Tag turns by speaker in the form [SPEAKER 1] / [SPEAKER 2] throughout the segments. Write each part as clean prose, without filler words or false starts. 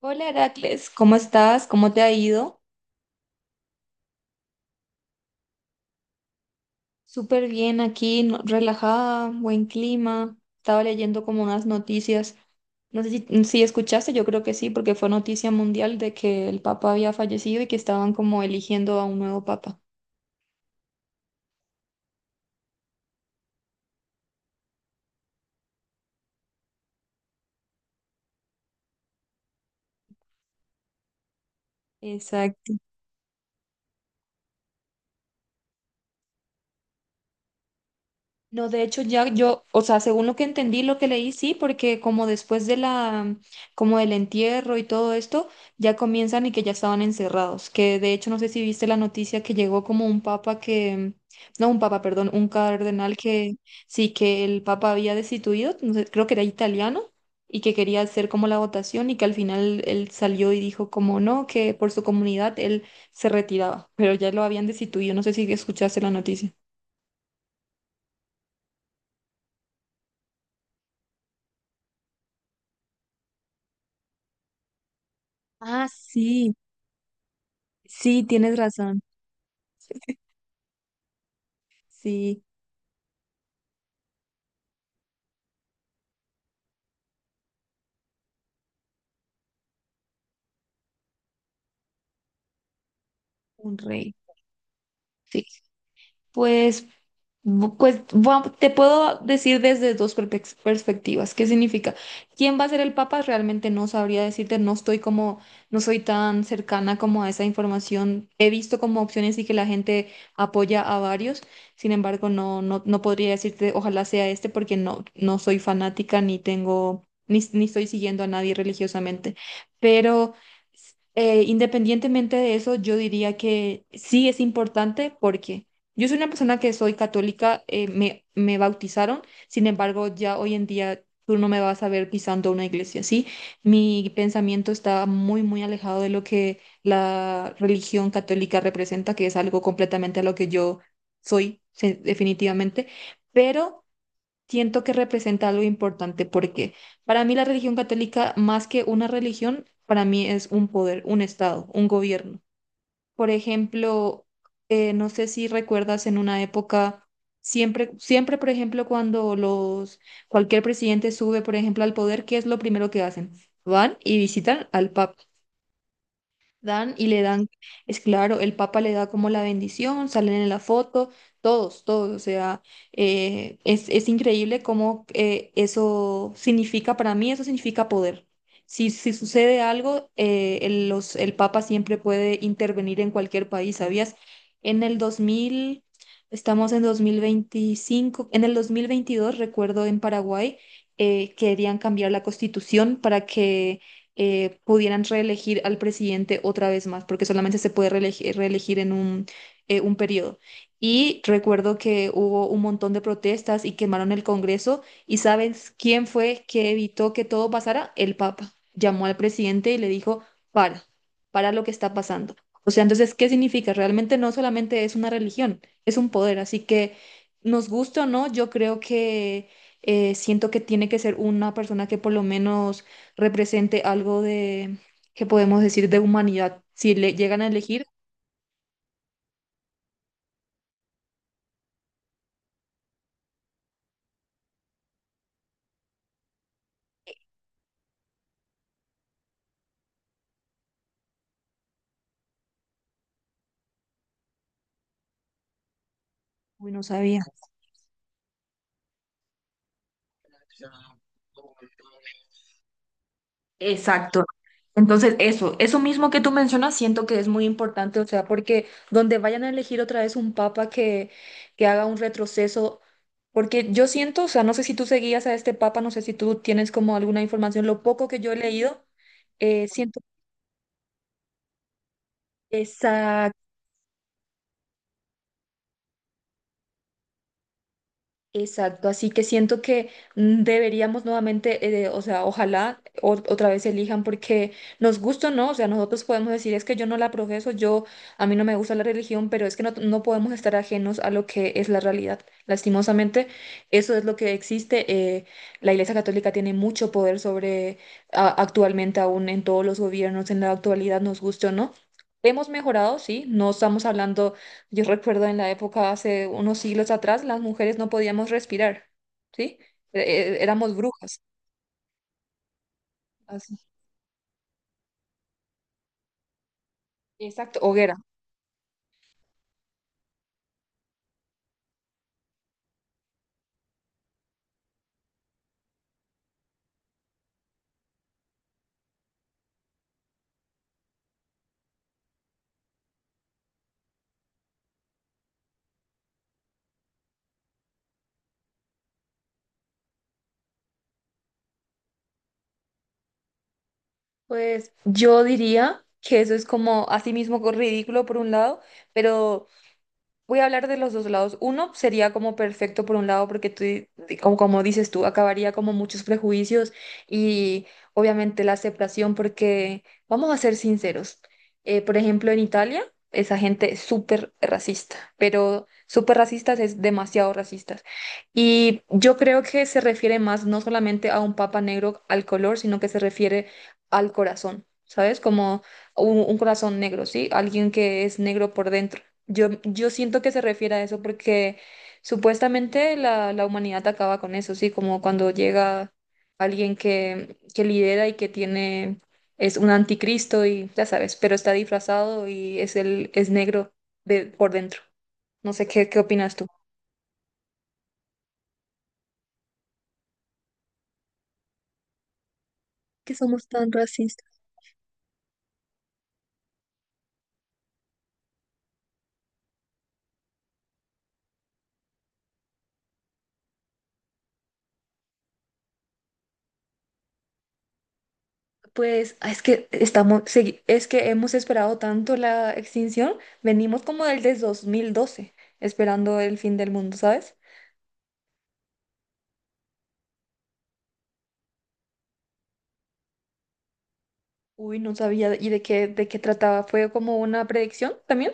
[SPEAKER 1] Hola Heracles, ¿cómo estás? ¿Cómo te ha ido? Súper bien aquí, relajada, buen clima. Estaba leyendo como unas noticias. No sé si escuchaste, yo creo que sí, porque fue noticia mundial de que el papa había fallecido y que estaban como eligiendo a un nuevo papa. Exacto. No, de hecho ya yo, o sea, según lo que entendí, lo que leí, sí, porque como después de la, como del entierro y todo esto, ya comienzan y que ya estaban encerrados, que de hecho no sé si viste la noticia que llegó como un papa que, no, un papa, perdón, un cardenal que sí, que el papa había destituido, no sé, creo que era italiano, y que quería hacer como la votación, y que al final él salió y dijo como no, que por su comunidad él se retiraba, pero ya lo habían destituido, no sé si escuchaste la noticia. Ah, sí. Sí, tienes razón. Sí, un rey. Sí. Pues, pues te puedo decir desde dos perspectivas. ¿Qué significa? ¿Quién va a ser el Papa? Realmente no sabría decirte, no estoy como, no soy tan cercana como a esa información. He visto como opciones y que la gente apoya a varios. Sin embargo, no podría decirte, ojalá sea este, porque no soy fanática ni tengo, ni estoy siguiendo a nadie religiosamente. Pero independientemente de eso, yo diría que sí es importante, porque yo soy una persona que soy católica, me bautizaron. Sin embargo, ya hoy en día tú no me vas a ver pisando una iglesia, ¿sí? Mi pensamiento está muy, muy alejado de lo que la religión católica representa, que es algo completamente a lo que yo soy, definitivamente, pero siento que representa algo importante, porque para mí la religión católica, más que una religión, para mí es un poder, un estado, un gobierno. Por ejemplo, no sé si recuerdas en una época, siempre, siempre, por ejemplo, cuando los, cualquier presidente sube, por ejemplo, al poder, ¿qué es lo primero que hacen? Van y visitan al Papa. Dan y le dan, es claro, el Papa le da como la bendición, salen en la foto, todos, todos, o sea, es increíble cómo eso significa, para mí eso significa poder. Si, si sucede algo, el, los, el Papa siempre puede intervenir en cualquier país, ¿sabías? En el 2000, estamos en 2025, en el 2022, recuerdo en Paraguay, querían cambiar la constitución para que pudieran reelegir al presidente otra vez más, porque solamente se puede reelegir en un periodo. Y recuerdo que hubo un montón de protestas y quemaron el Congreso. ¿Y sabes quién fue que evitó que todo pasara? El Papa. Llamó al presidente y le dijo, para, para lo que está pasando. O sea, entonces, ¿qué significa? Realmente no solamente es una religión, es un poder. Así que, nos gusta o no, yo creo que siento que tiene que ser una persona que por lo menos represente algo de, que podemos decir, de humanidad. Si le llegan a elegir, uy, no sabía. Exacto. Entonces, eso mismo que tú mencionas, siento que es muy importante, o sea, porque donde vayan a elegir otra vez un papa que haga un retroceso, porque yo siento, o sea, no sé si tú seguías a este papa, no sé si tú tienes como alguna información, lo poco que yo he leído, siento. Exacto, así que siento que deberíamos nuevamente, o sea, ojalá otra vez elijan, porque nos gusta o no, o sea, nosotros podemos decir es que yo no la profeso, yo a mí no me gusta la religión, pero es que no podemos estar ajenos a lo que es la realidad. Lastimosamente, eso es lo que existe. eh, la Iglesia Católica tiene mucho poder sobre actualmente aún en todos los gobiernos, en la actualidad, nos gusta, o no. Hemos mejorado, sí, no estamos hablando. Yo recuerdo en la época, hace unos siglos atrás, las mujeres no podíamos respirar, ¿sí? Éramos brujas. Así. Exacto, hoguera. Pues yo diría que eso es como así mismo ridículo por un lado, pero voy a hablar de los dos lados. Uno sería como perfecto por un lado, porque tú, como, como dices tú, acabaría como muchos prejuicios, y obviamente la aceptación, porque vamos a ser sinceros. Por ejemplo, en Italia, esa gente es súper racista, pero súper racistas, es demasiado racistas. Y yo creo que se refiere más no solamente a un papa negro al color, sino que se refiere al corazón, ¿sabes? Como un corazón negro, ¿sí? Alguien que es negro por dentro. Yo siento que se refiere a eso porque supuestamente la humanidad acaba con eso, sí, como cuando llega alguien que lidera y que tiene, es un anticristo y ya sabes, pero está disfrazado y es el, es negro de, por dentro. No sé qué, qué opinas tú. Que somos tan racistas. Pues ah, es que estamos, es que hemos esperado tanto la extinción, venimos como desde 2012 esperando el fin del mundo, ¿sabes? Uy, no sabía. ¿Y de qué trataba? ¿Fue como una predicción también?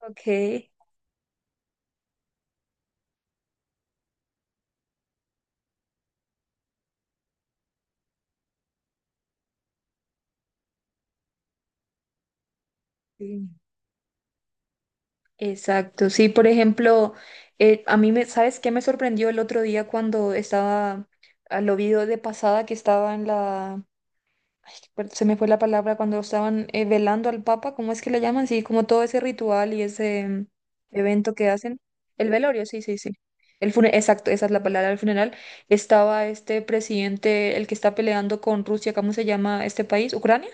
[SPEAKER 1] Ok. Sí. Exacto. Sí, por ejemplo, a mí me, ¿sabes qué me sorprendió el otro día cuando estaba, ah, lo vi de pasada que estaba en la ay, se me fue la palabra cuando estaban velando al Papa, ¿cómo es que le llaman? Sí, como todo ese ritual y ese evento que hacen. El velorio, sí, sí, sí. El exacto, esa es la palabra, el funeral. Estaba este presidente, el que está peleando con Rusia, ¿cómo se llama este país? ¿Ucrania?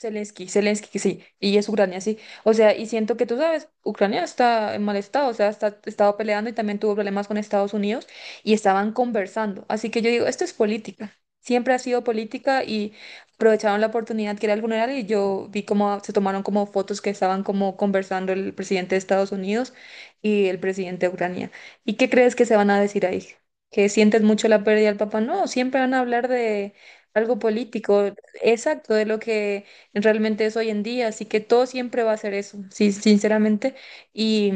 [SPEAKER 1] Zelensky, Zelensky, sí, y es Ucrania, sí. O sea, y siento que tú sabes, Ucrania está en mal estado, o sea, está, estaba peleando, y también tuvo problemas con Estados Unidos, y estaban conversando. Así que yo digo, esto es política, siempre ha sido política, y aprovecharon la oportunidad que era el funeral, y yo vi cómo se tomaron como fotos que estaban como conversando el presidente de Estados Unidos y el presidente de Ucrania. ¿Y qué crees que se van a decir ahí? ¿Que sientes mucho la pérdida del papá? No, siempre van a hablar de algo político, exacto, de lo que realmente es hoy en día, así que todo siempre va a ser eso, sí, sinceramente. Y,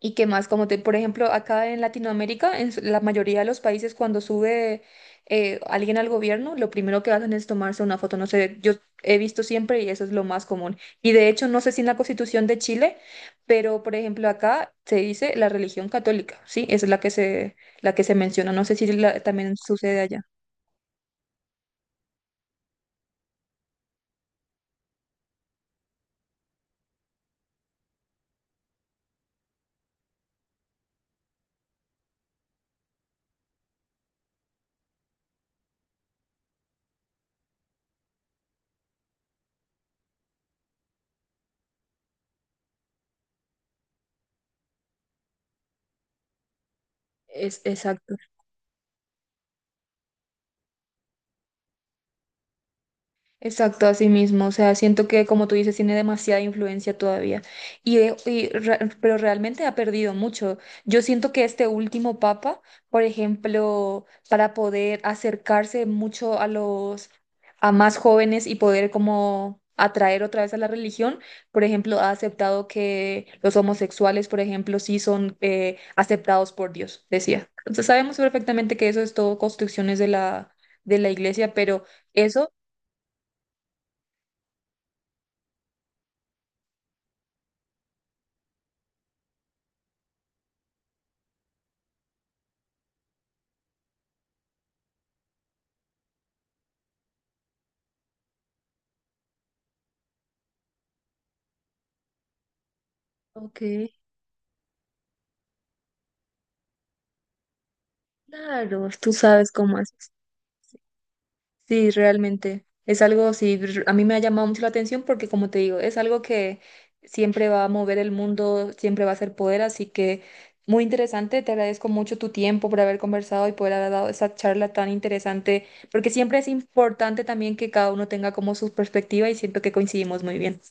[SPEAKER 1] y qué más, como te, por ejemplo, acá en Latinoamérica, en la mayoría de los países, cuando sube alguien al gobierno, lo primero que hacen es tomarse una foto, no sé, yo he visto siempre, y eso es lo más común. Y de hecho, no sé si en la Constitución de Chile, pero por ejemplo, acá se dice la religión católica, ¿sí? Esa es la que se menciona, no sé si también sucede allá. Es exacto. Exacto, así mismo. O sea, siento que, como tú dices, tiene demasiada influencia todavía. Y pero realmente ha perdido mucho. Yo siento que este último papa, por ejemplo, para poder acercarse mucho a los, a más jóvenes, y poder como atraer otra vez a la religión, por ejemplo, ha aceptado que los homosexuales, por ejemplo, sí son aceptados por Dios, decía. Entonces sabemos perfectamente que eso es todo construcciones de la iglesia, pero eso... Ok. Claro, tú sabes cómo haces. Sí, realmente. Es algo, sí, a mí me ha llamado mucho la atención porque, como te digo, es algo que siempre va a mover el mundo, siempre va a ser poder, así que muy interesante. Te agradezco mucho tu tiempo por haber conversado y por haber dado esa charla tan interesante, porque siempre es importante también que cada uno tenga como su perspectiva, y siento que coincidimos muy bien.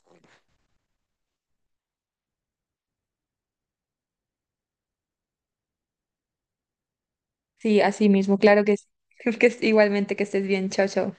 [SPEAKER 1] Sí, así mismo, claro que sí. Que igualmente, que estés bien. Chao, chao.